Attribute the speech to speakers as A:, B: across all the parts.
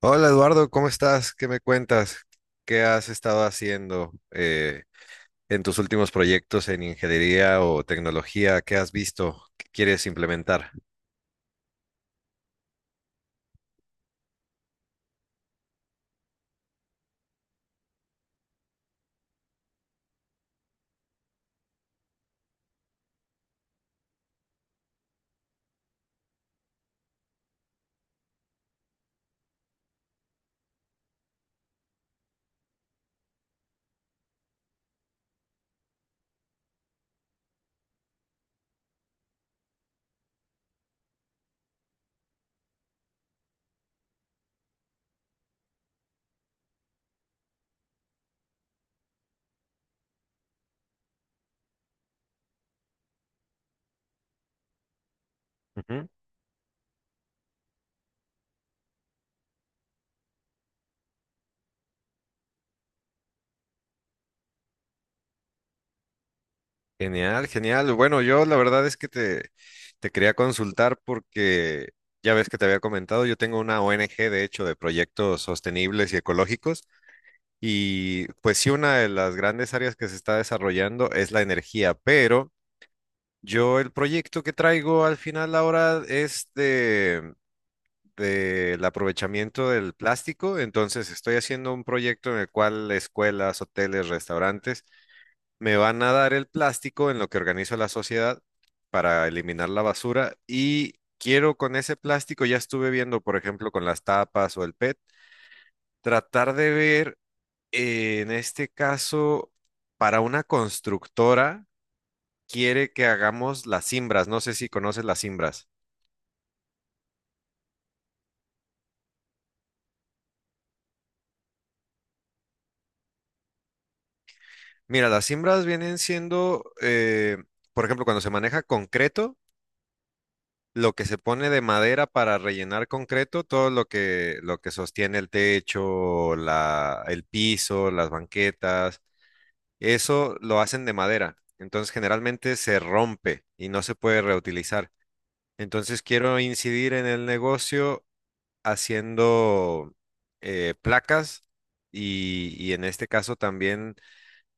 A: Hola Eduardo, ¿cómo estás? ¿Qué me cuentas? ¿Qué has estado haciendo en tus últimos proyectos en ingeniería o tecnología? ¿Qué has visto? ¿Qué quieres implementar? Ujú. Genial, genial. Bueno, yo la verdad es que te quería consultar porque ya ves que te había comentado, yo tengo una ONG de hecho de proyectos sostenibles y ecológicos y pues sí, una de las grandes áreas que se está desarrollando es la energía, pero... Yo el proyecto que traigo al final ahora es del aprovechamiento del plástico, entonces estoy haciendo un proyecto en el cual escuelas, hoteles, restaurantes me van a dar el plástico en lo que organizo la sociedad para eliminar la basura y quiero con ese plástico, ya estuve viendo por ejemplo con las tapas o el PET, tratar de ver en este caso para una constructora quiere que hagamos las cimbras, no sé si conoces las cimbras. Mira, las cimbras vienen siendo, por ejemplo, cuando se maneja concreto, lo que se pone de madera para rellenar concreto, todo lo lo que sostiene el techo, el piso, las banquetas, eso lo hacen de madera. Entonces, generalmente se rompe y no se puede reutilizar. Entonces, quiero incidir en el negocio haciendo placas y en este caso también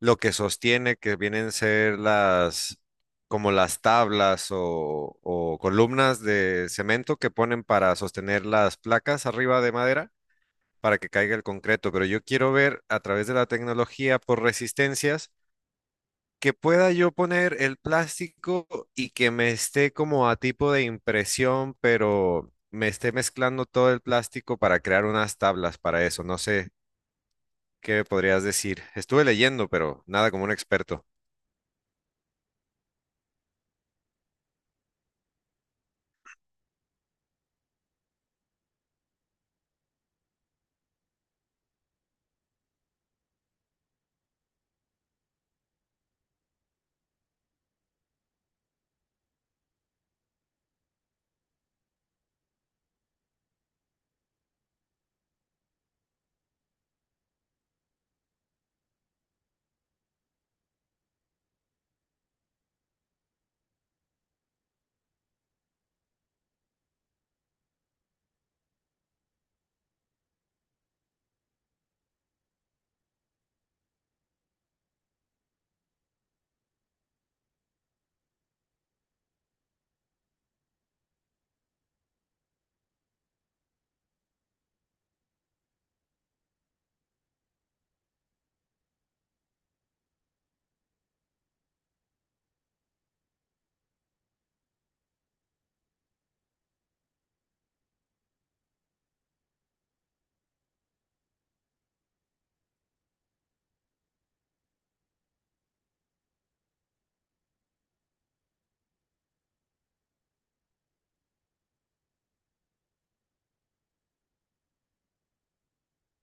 A: lo que sostiene, que vienen a ser como las tablas o columnas de cemento que ponen para sostener las placas arriba de madera para que caiga el concreto. Pero yo quiero ver a través de la tecnología por resistencias que pueda yo poner el plástico y que me esté como a tipo de impresión, pero me esté mezclando todo el plástico para crear unas tablas para eso. No sé qué podrías decir. Estuve leyendo, pero nada como un experto.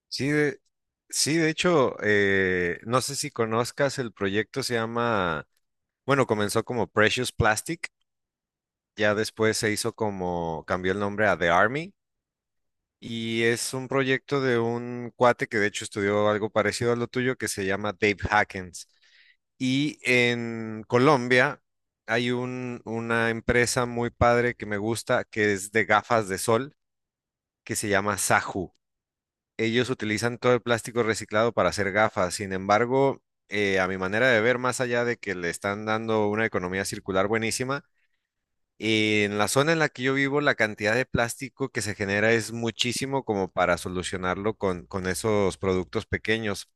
A: Sí, de, sí, de hecho, no sé si conozcas el proyecto, se bueno, comenzó como Precious Plastic, ya después se hizo como, cambió el nombre a The Army, y es un proyecto de un cuate que de hecho estudió algo parecido a lo tuyo, que se llama Dave Hackens. Y en Colombia hay una empresa muy padre que me gusta, que es de gafas de sol, que se llama Saju. Ellos utilizan todo el plástico reciclado para hacer gafas. Sin embargo, a mi manera de ver, más allá de que le están dando una economía circular buenísima, en la zona en la que yo vivo, la cantidad de plástico que se genera es muchísimo como para solucionarlo con esos productos pequeños.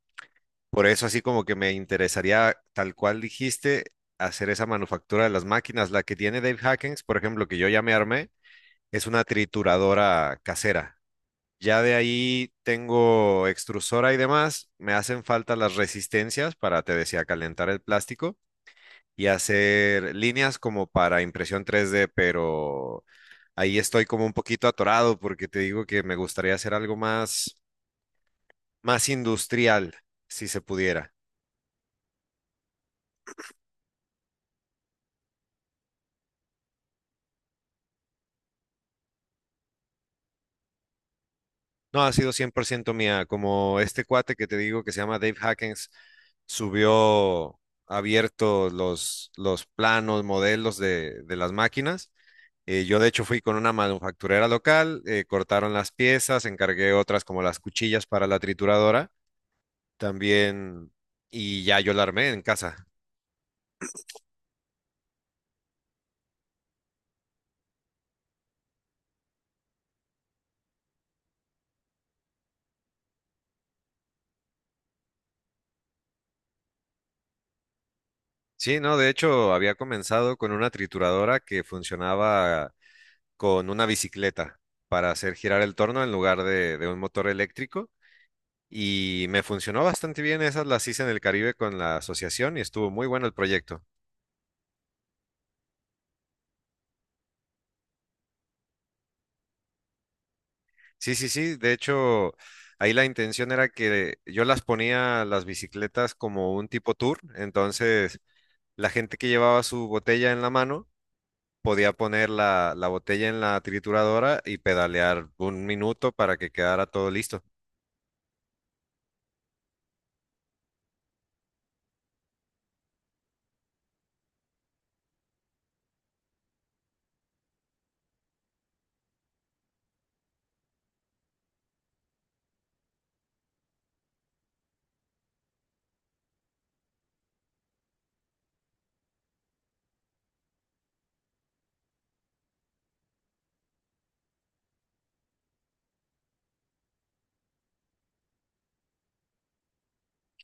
A: Por eso, así como que me interesaría, tal cual dijiste, hacer esa manufactura de las máquinas. La que tiene Dave Hackens, por ejemplo, que yo ya me armé, es una trituradora casera. Ya de ahí tengo extrusora y demás. Me hacen falta las resistencias para, te decía, calentar el plástico y hacer líneas como para impresión 3D, pero ahí estoy como un poquito atorado porque te digo que me gustaría hacer algo más, más industrial, si se pudiera. No, ha sido 100% mía, como este cuate que te digo que se llama Dave Hackens subió abierto los planos, modelos de las máquinas. Yo de hecho fui con una manufacturera local, cortaron las piezas, encargué otras como las cuchillas para la trituradora también y ya yo la armé en casa. Sí, no, de hecho había comenzado con una trituradora que funcionaba con una bicicleta para hacer girar el torno en lugar de un motor eléctrico y me funcionó bastante bien. Esas las hice en el Caribe con la asociación y estuvo muy bueno el proyecto. Sí, sí, sí. De hecho, ahí la intención era que yo las ponía las bicicletas como un tipo tour. Entonces, la gente que llevaba su botella en la mano podía poner la botella en la trituradora y pedalear un minuto para que quedara todo listo.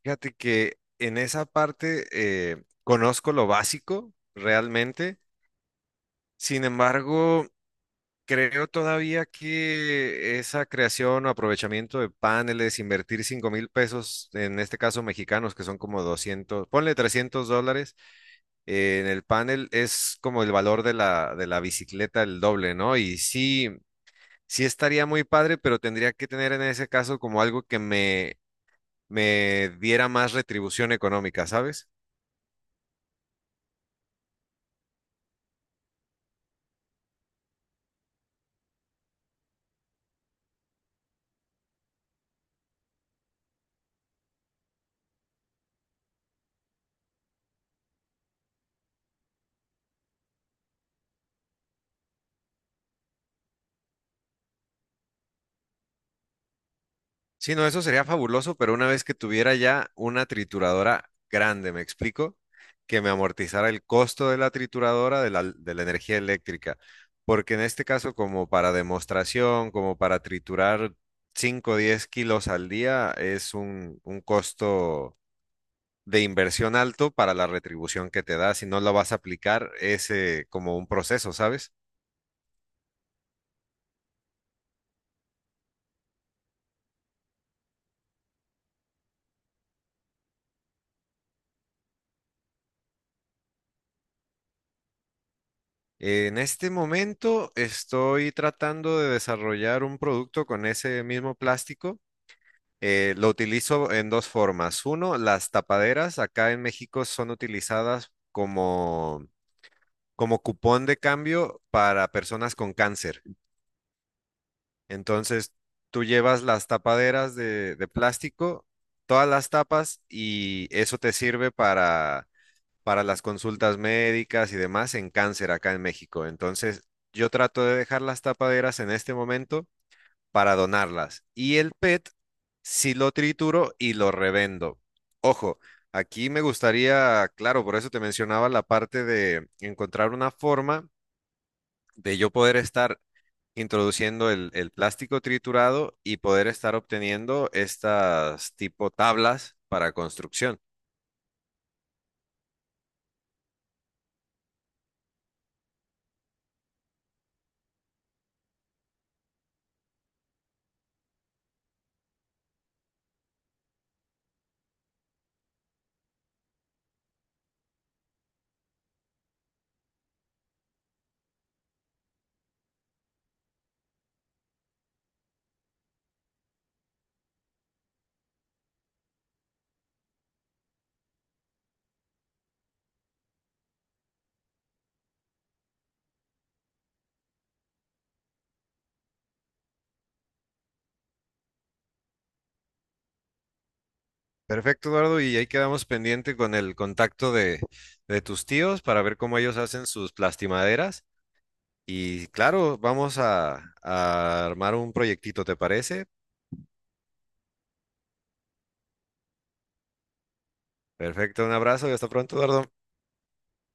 A: Fíjate que en esa parte conozco lo básico realmente. Sin embargo, creo todavía que esa creación o aprovechamiento de paneles, invertir 5.000 pesos, en este caso mexicanos, que son como 200, ponle 300 dólares, en el panel es como el valor de de la bicicleta el doble, ¿no? Y sí, sí estaría muy padre, pero tendría que tener en ese caso como algo que me diera más retribución económica, ¿sabes? Sí, no, eso sería fabuloso, pero una vez que tuviera ya una trituradora grande, ¿me explico? Que me amortizara el costo de la trituradora de de la energía eléctrica. Porque en este caso, como para demostración, como para triturar 5, o 10 kilos al día, es un costo de inversión alto para la retribución que te da. Si no lo vas a aplicar, es como un proceso, ¿sabes? En este momento estoy tratando de desarrollar un producto con ese mismo plástico. Lo utilizo en dos formas. Uno, las tapaderas acá en México son utilizadas como cupón de cambio para personas con cáncer. Entonces, tú llevas las tapaderas de plástico, todas las tapas y eso te sirve para las consultas médicas y demás en cáncer acá en México. Entonces, yo trato de dejar las tapaderas en este momento para donarlas. Y el PET sí lo trituro y lo revendo. Ojo, aquí me gustaría, claro, por eso te mencionaba la parte de encontrar una forma de yo poder estar introduciendo el plástico triturado y poder estar obteniendo estas tipo tablas para construcción. Perfecto, Eduardo, y ahí quedamos pendiente con el contacto de tus tíos para ver cómo ellos hacen sus plastimaderas. Y claro, vamos a armar un proyectito, ¿te parece? Perfecto, un abrazo y hasta pronto, Eduardo.